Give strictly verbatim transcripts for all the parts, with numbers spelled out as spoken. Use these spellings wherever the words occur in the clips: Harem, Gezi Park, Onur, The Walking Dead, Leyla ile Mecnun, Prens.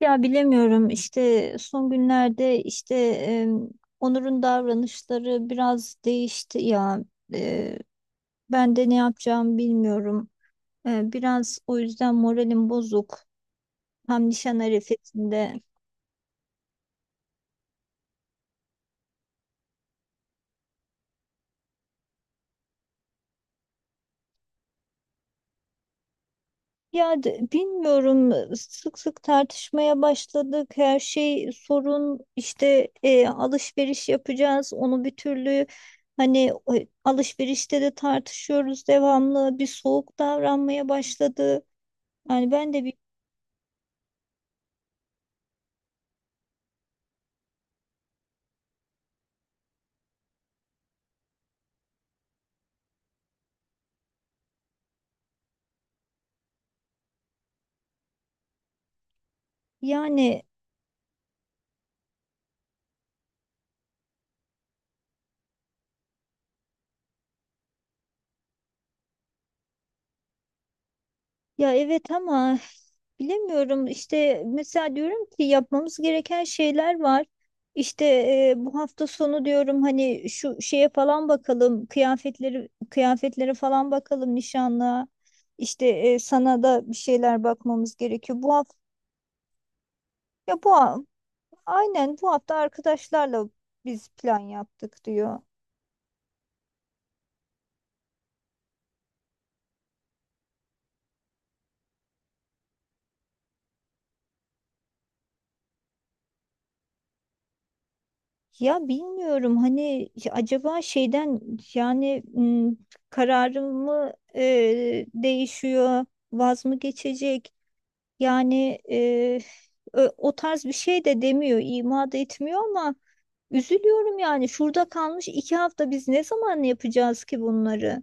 Ya bilemiyorum işte son günlerde işte e, Onur'un davranışları biraz değişti ya. E, Ben de ne yapacağımı bilmiyorum. E, biraz o yüzden moralim bozuk. Hem nişan arifesinde. Ya de- bilmiyorum, sık sık tartışmaya başladık. Her şey sorun işte e, alışveriş yapacağız. Onu bir türlü hani e, alışverişte de tartışıyoruz devamlı. Bir soğuk davranmaya başladı. Yani ben de bir yani ya evet, ama bilemiyorum işte, mesela diyorum ki yapmamız gereken şeyler var. İşte e, bu hafta sonu diyorum, hani şu şeye falan bakalım, kıyafetleri kıyafetlere falan bakalım nişanlığa. İşte e, sana da bir şeyler bakmamız gerekiyor. Bu hafta ya bu ha- aynen bu hafta arkadaşlarla biz plan yaptık diyor. Ya bilmiyorum, hani acaba şeyden yani m, kararım mı e, değişiyor, vaz mı geçecek? Yani e, ö- O tarz bir şey de demiyor, ima da etmiyor, ama üzülüyorum yani. Şurada kalmış iki hafta, biz ne zaman yapacağız ki bunları?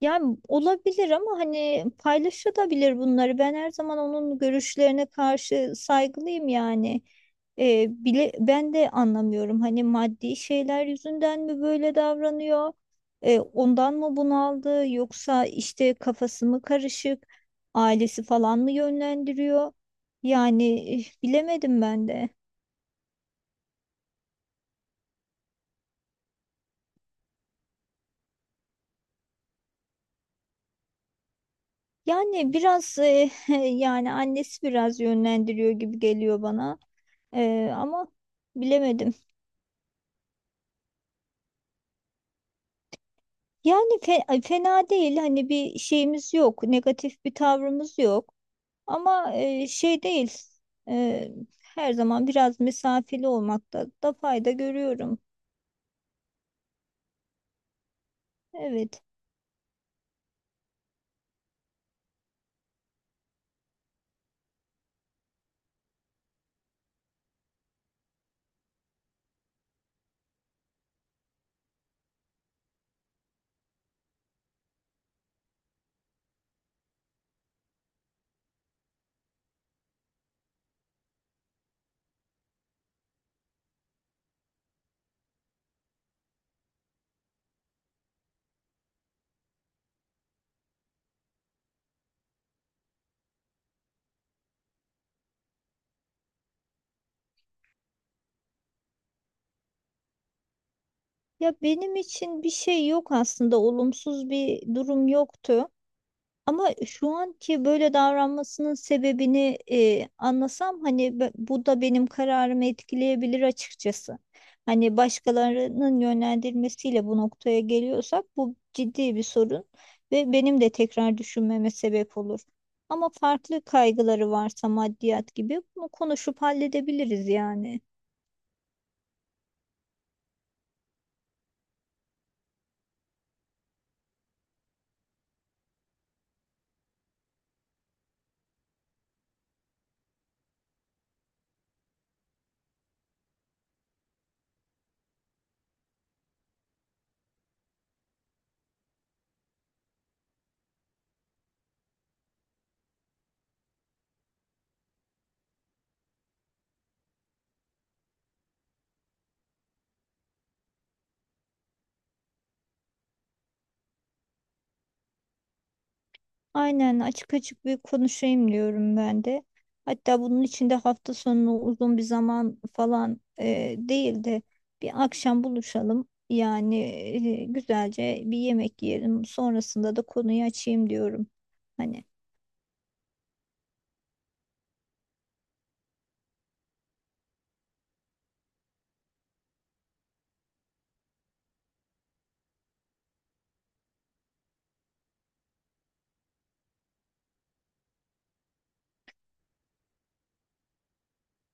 Yani olabilir, ama hani paylaşılabilir bunları. Ben her zaman onun görüşlerine karşı saygılıyım yani. Ee, bile ben de anlamıyorum. Hani maddi şeyler yüzünden mi böyle davranıyor? Ee, ondan mı bunaldı? Yoksa işte kafası mı karışık? Ailesi falan mı yönlendiriyor? Yani eh, bilemedim ben de. Yani biraz eh, yani annesi biraz yönlendiriyor gibi geliyor bana. Ee, ama bilemedim. Yani fe- fena değil, hani bir şeyimiz yok, negatif bir tavrımız yok, ama e, şey değil e, her zaman biraz mesafeli olmakta da fayda görüyorum. Evet. Ya benim için bir şey yok aslında, olumsuz bir durum yoktu. Ama şu anki böyle davranmasının sebebini e, anlasam, hani be- bu da benim kararımı etkileyebilir açıkçası. Hani başkalarının yönlendirmesiyle bu noktaya geliyorsak, bu ciddi bir sorun ve benim de tekrar düşünmeme sebep olur. Ama farklı kaygıları varsa, maddiyat gibi, bunu konuşup halledebiliriz yani. Aynen, açık açık bir konuşayım diyorum ben de. Hatta bunun için de hafta sonu uzun bir zaman falan e, değil de, bir akşam buluşalım. Yani e, güzelce bir yemek yiyelim. Sonrasında da konuyu açayım diyorum. Hani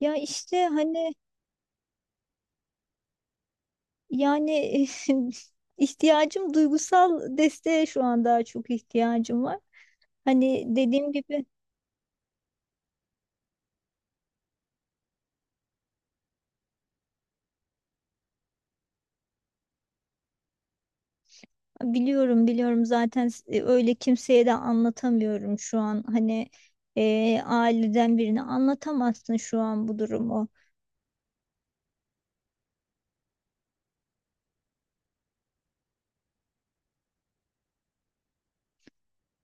ya işte hani yani ihtiyacım, duygusal desteğe şu an daha çok ihtiyacım var. Hani dediğim gibi. Biliyorum biliyorum zaten s- e, öyle kimseye de anlatamıyorum şu an, hani e, aileden birine anlatamazsın şu an bu durumu.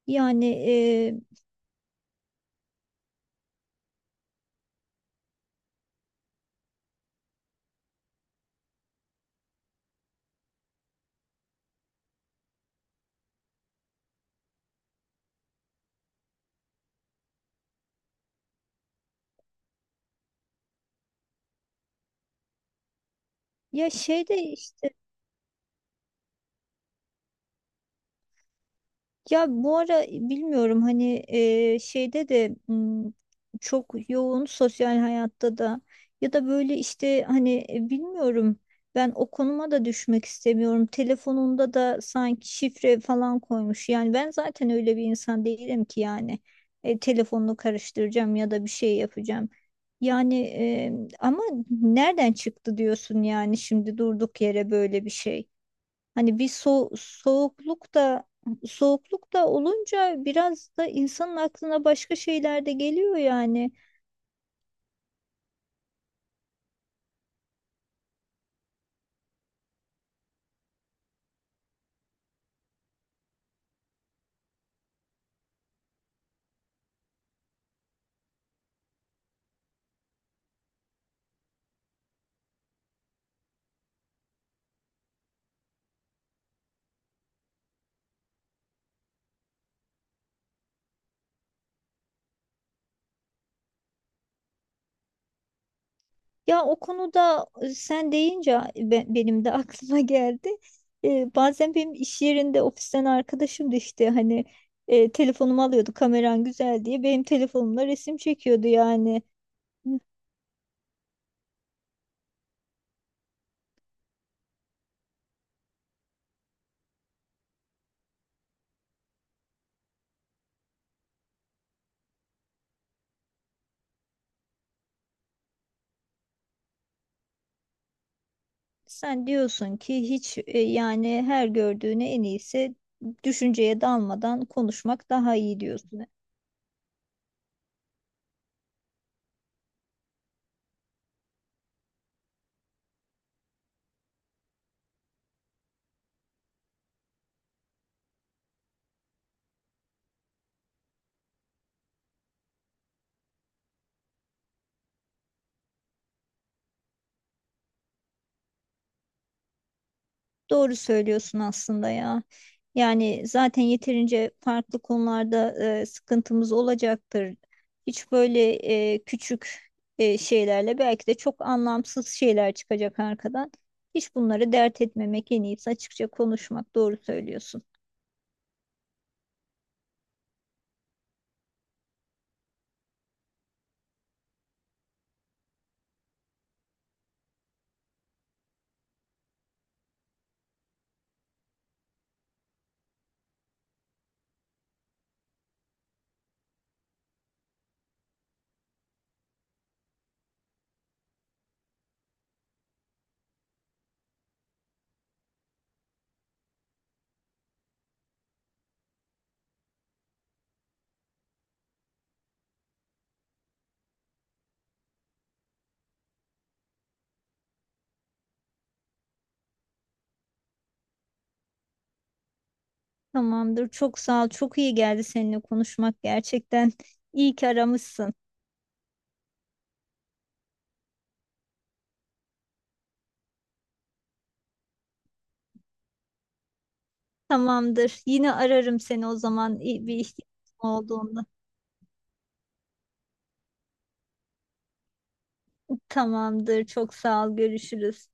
Yani e, ya şeyde Ya bu ara bilmiyorum, hani e, şeyde de m, çok yoğun sosyal hayatta da, ya da böyle işte hani e, bilmiyorum ben o konuma da düşmek istemiyorum. Telefonunda da sanki şifre falan koymuş. Yani ben zaten öyle bir insan değilim ki yani e, telefonunu karıştıracağım ya da bir şey yapacağım. Yani e, ama nereden çıktı diyorsun yani, şimdi durduk yere böyle bir şey. Hani bir so soğukluk da, soğukluk da olunca biraz da insanın aklına başka şeyler de geliyor yani. Ya o konuda, e, sen deyince be- benim de aklıma geldi. Ee, bazen benim iş yerinde ofisten arkadaşım da, işte hani, e, telefonumu alıyordu, kameran güzel diye benim telefonumla resim çekiyordu yani. Sen diyorsun ki hiç, e, yani her gördüğüne en iyisi düşünceye dalmadan konuşmak daha iyi diyorsun. Doğru söylüyorsun aslında ya. Yani zaten yeterince farklı konularda e, sıkıntımız olacaktır. Hiç böyle e, küçük e, şeylerle, belki de çok anlamsız şeyler çıkacak arkadan. Hiç bunları dert etmemek en iyisi, açıkça konuşmak. Doğru söylüyorsun. Tamamdır. Çok sağ ol. Çok iyi geldi seninle konuşmak gerçekten. İyi ki aramışsın. Tamamdır. Yine ararım seni o zaman, i- bir ihtiyacın olduğunda. Tamamdır. Çok sağ ol. Görüşürüz.